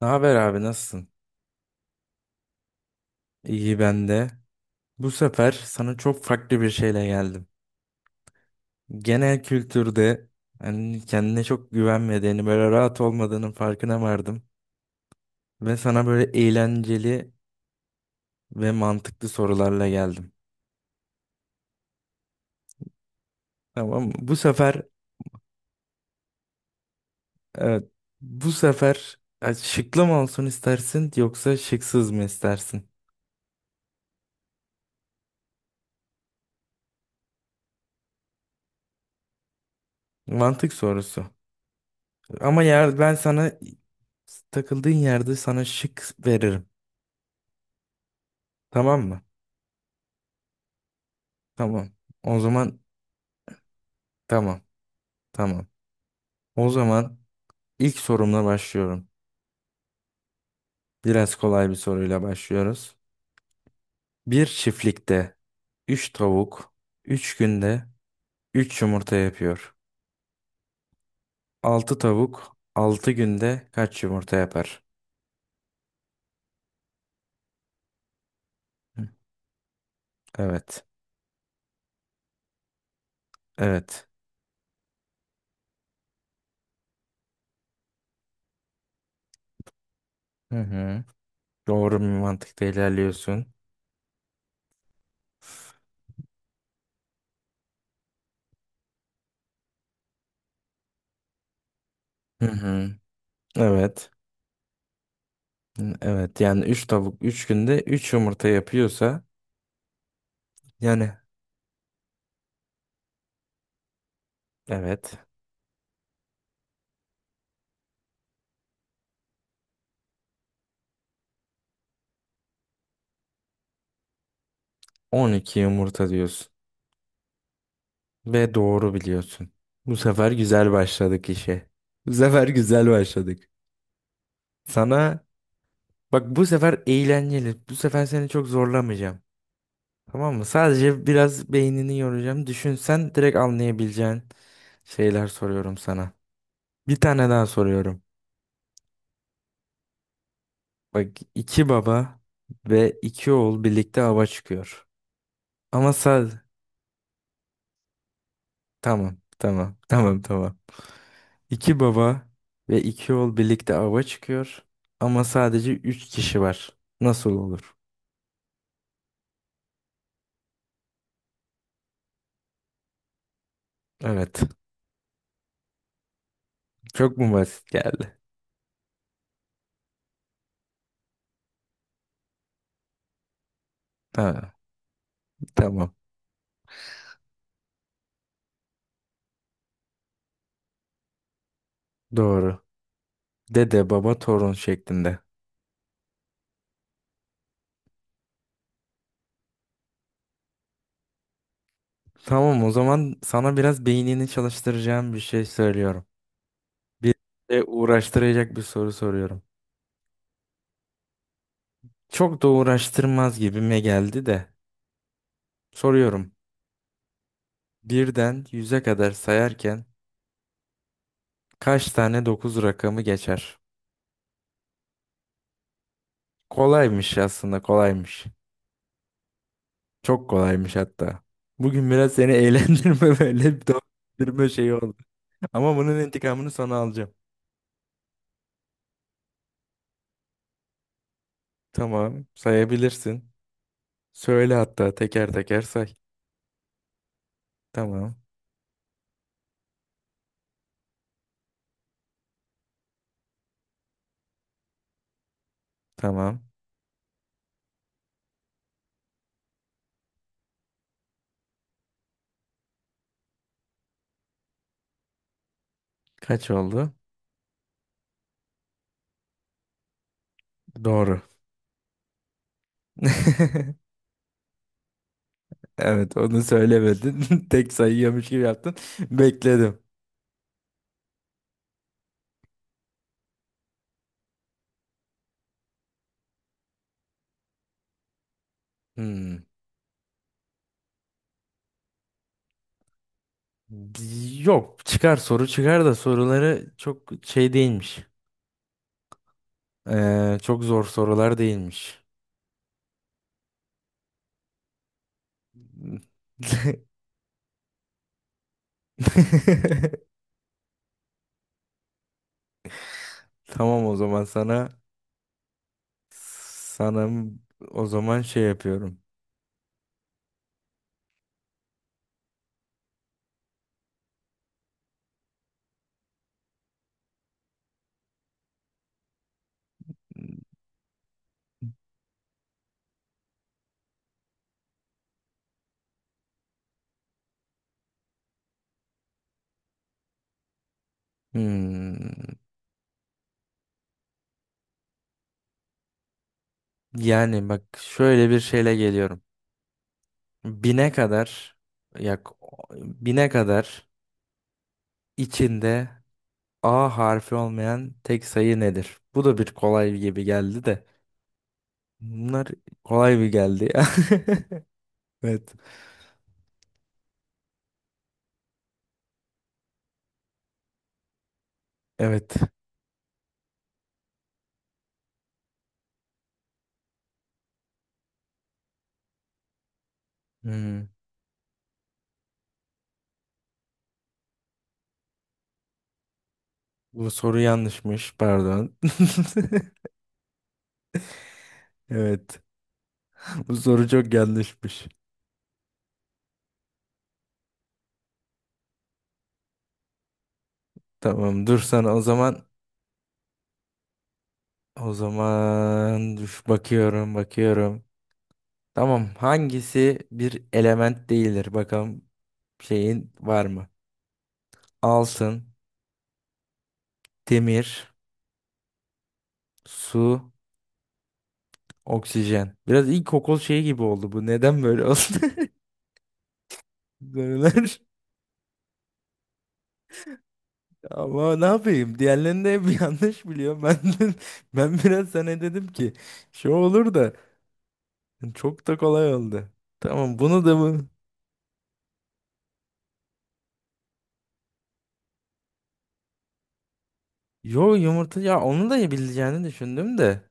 Ne haber abi, nasılsın? İyi ben de. Bu sefer sana çok farklı bir şeyle geldim. Genel kültürde hani kendine çok güvenmediğini, böyle rahat olmadığının farkına vardım. Ve sana böyle eğlenceli ve mantıklı sorularla geldim. Tamam mı? Bu sefer evet, bu sefer şıklı mı olsun istersin yoksa şıksız mı istersin? Mantık sorusu. Ama yer, ben sana takıldığın yerde sana şık veririm. Tamam mı? Tamam. O zaman Tamam, tamam. O zaman ilk sorumla başlıyorum. Biraz kolay bir soruyla başlıyoruz. Bir çiftlikte üç tavuk 3 günde 3 yumurta yapıyor. 6 tavuk 6 günde kaç yumurta yapar? Hı, evet, evet. Hı hı. Doğru bir mantıkta ilerliyorsun. Hı hı. Evet. Hı, evet, yani 3 tavuk 3 günde 3 yumurta yapıyorsa, yani evet, 12 yumurta diyorsun. Ve doğru biliyorsun. Bu sefer güzel başladık işe. Bu sefer güzel başladık. Sana Bak, bu sefer eğlenceli. Bu sefer seni çok zorlamayacağım. Tamam mı? Sadece biraz beynini yoracağım. Düşünsen direkt anlayabileceğin şeyler soruyorum sana. Bir tane daha soruyorum. Bak, iki baba ve iki oğul birlikte ava çıkıyor. Ama sadece... Tamam, tamam, tamam, tamam. İki baba ve iki oğul birlikte ava çıkıyor ama sadece üç kişi var. Nasıl olur? Evet. Çok mu basit geldi? Ha, tamam. Doğru. Dede, baba, torun şeklinde. Tamam, o zaman sana biraz beynini çalıştıracağım bir şey söylüyorum. Bir de uğraştıracak bir soru soruyorum. Çok da uğraştırmaz gibime geldi de. Soruyorum. Birden yüze kadar sayarken kaç tane dokuz rakamı geçer? Kolaymış, aslında kolaymış. Çok kolaymış hatta. Bugün biraz seni eğlendirme böyle bir dövdürme şeyi oldu. Ama bunun intikamını sana alacağım. Tamam, sayabilirsin. Söyle, hatta teker teker say. Tamam, tamam. Kaç oldu? Doğru. Evet, onu söylemedin. Tek sayıyormuş gibi yaptın. Bekledim. Hmm. Yok, çıkar soru, çıkar da soruları çok şey değilmiş. Çok zor sorular değilmiş. Tamam, o zaman sana o zaman şey yapıyorum. Hmm, yani bak, şöyle bir şeyle geliyorum. Bine kadar yak bine kadar içinde A harfi olmayan tek sayı nedir? Bu da bir kolay gibi geldi de. Bunlar kolay bir geldi ya. Evet. Evet. Hmm, bu soru yanlışmış. Pardon. Evet. Bu soru çok yanlışmış. Tamam, dur sana o zaman. O zaman üf, bakıyorum bakıyorum. Tamam, hangisi bir element değildir? Bakalım, şeyin var mı? Altın, demir, su, oksijen. Biraz ilkokul şeyi gibi oldu bu. Neden böyle oldu? Sorular. Ama ne yapayım? Diğerlerini de hep yanlış biliyorum. Ben biraz sana dedim ki şey olur da çok da kolay oldu. Tamam, bunu da mı? Yo, yumurta ya, onu da bileceğini düşündüm de.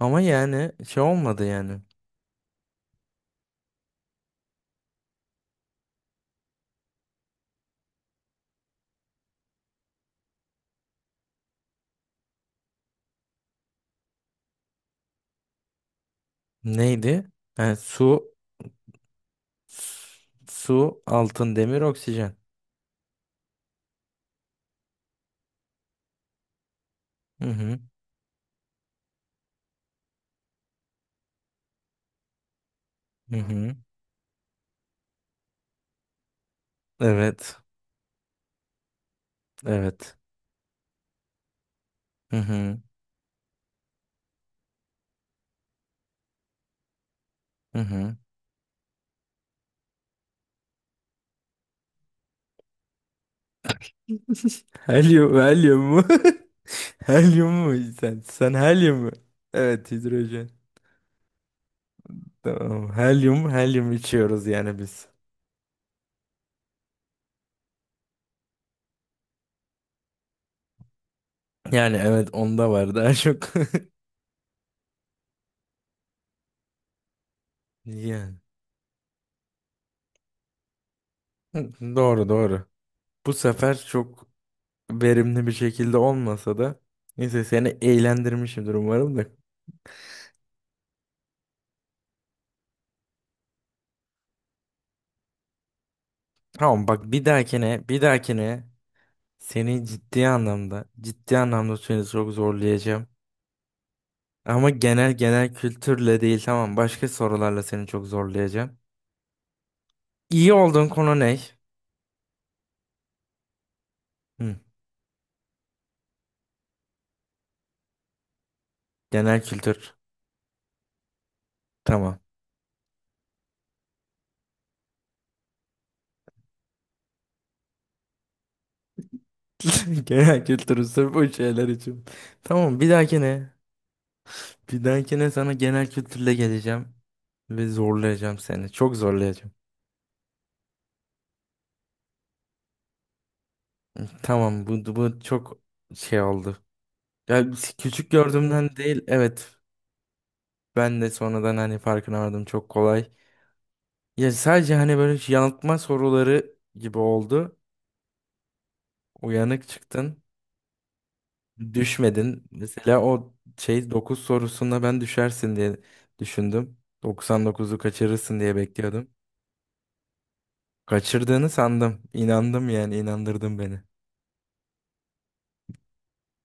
Ama yani şey olmadı yani. Neydi? Yani su. Su, altın, demir, oksijen. Hı hı. Hı hı. Evet. Evet. Hı hı. Hı hı. Helyum, helyum mu? Helyum mu sen? Sen helyum mu? Evet, hidrojen. Tamam. Helyum, helyum içiyoruz yani biz. Yani evet, onda var daha çok. Yani. Hı, doğru doğru. Bu sefer çok verimli bir şekilde olmasa da, neyse, seni eğlendirmişimdir umarım da. Tamam, bak, bir dahakine bir dahakine seni ciddi anlamda ciddi anlamda seni çok zorlayacağım. Ama genel kültürle değil, tamam, başka sorularla seni çok zorlayacağım. İyi olduğun konu ne? Hı, genel kültür. Tamam. Genel kültür sırf bu şeyler için. Tamam, bir dahakine bir dahakine sana genel kültürle geleceğim ve zorlayacağım seni. Çok zorlayacağım. Tamam, bu çok şey oldu. Yani küçük gördüğümden değil, evet, ben de sonradan hani farkına vardım, çok kolay. Ya, sadece hani böyle yanıltma soruları gibi oldu. Uyanık çıktın, düşmedin. Mesela o şey, 9 sorusunda ben düşersin diye düşündüm. Doksan dokuzu kaçırırsın diye bekliyordum. Kaçırdığını sandım. İnandım yani, inandırdın beni.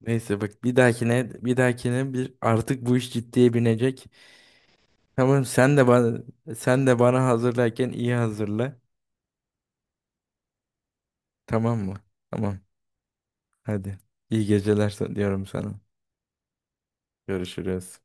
Neyse, bak, bir dahakine bir dahakine bir artık bu iş ciddiye binecek. Tamam, sen de bana hazırlarken iyi hazırla. Tamam mı? Tamam. Hadi. İyi geceler diyorum sana. Görüşürüz.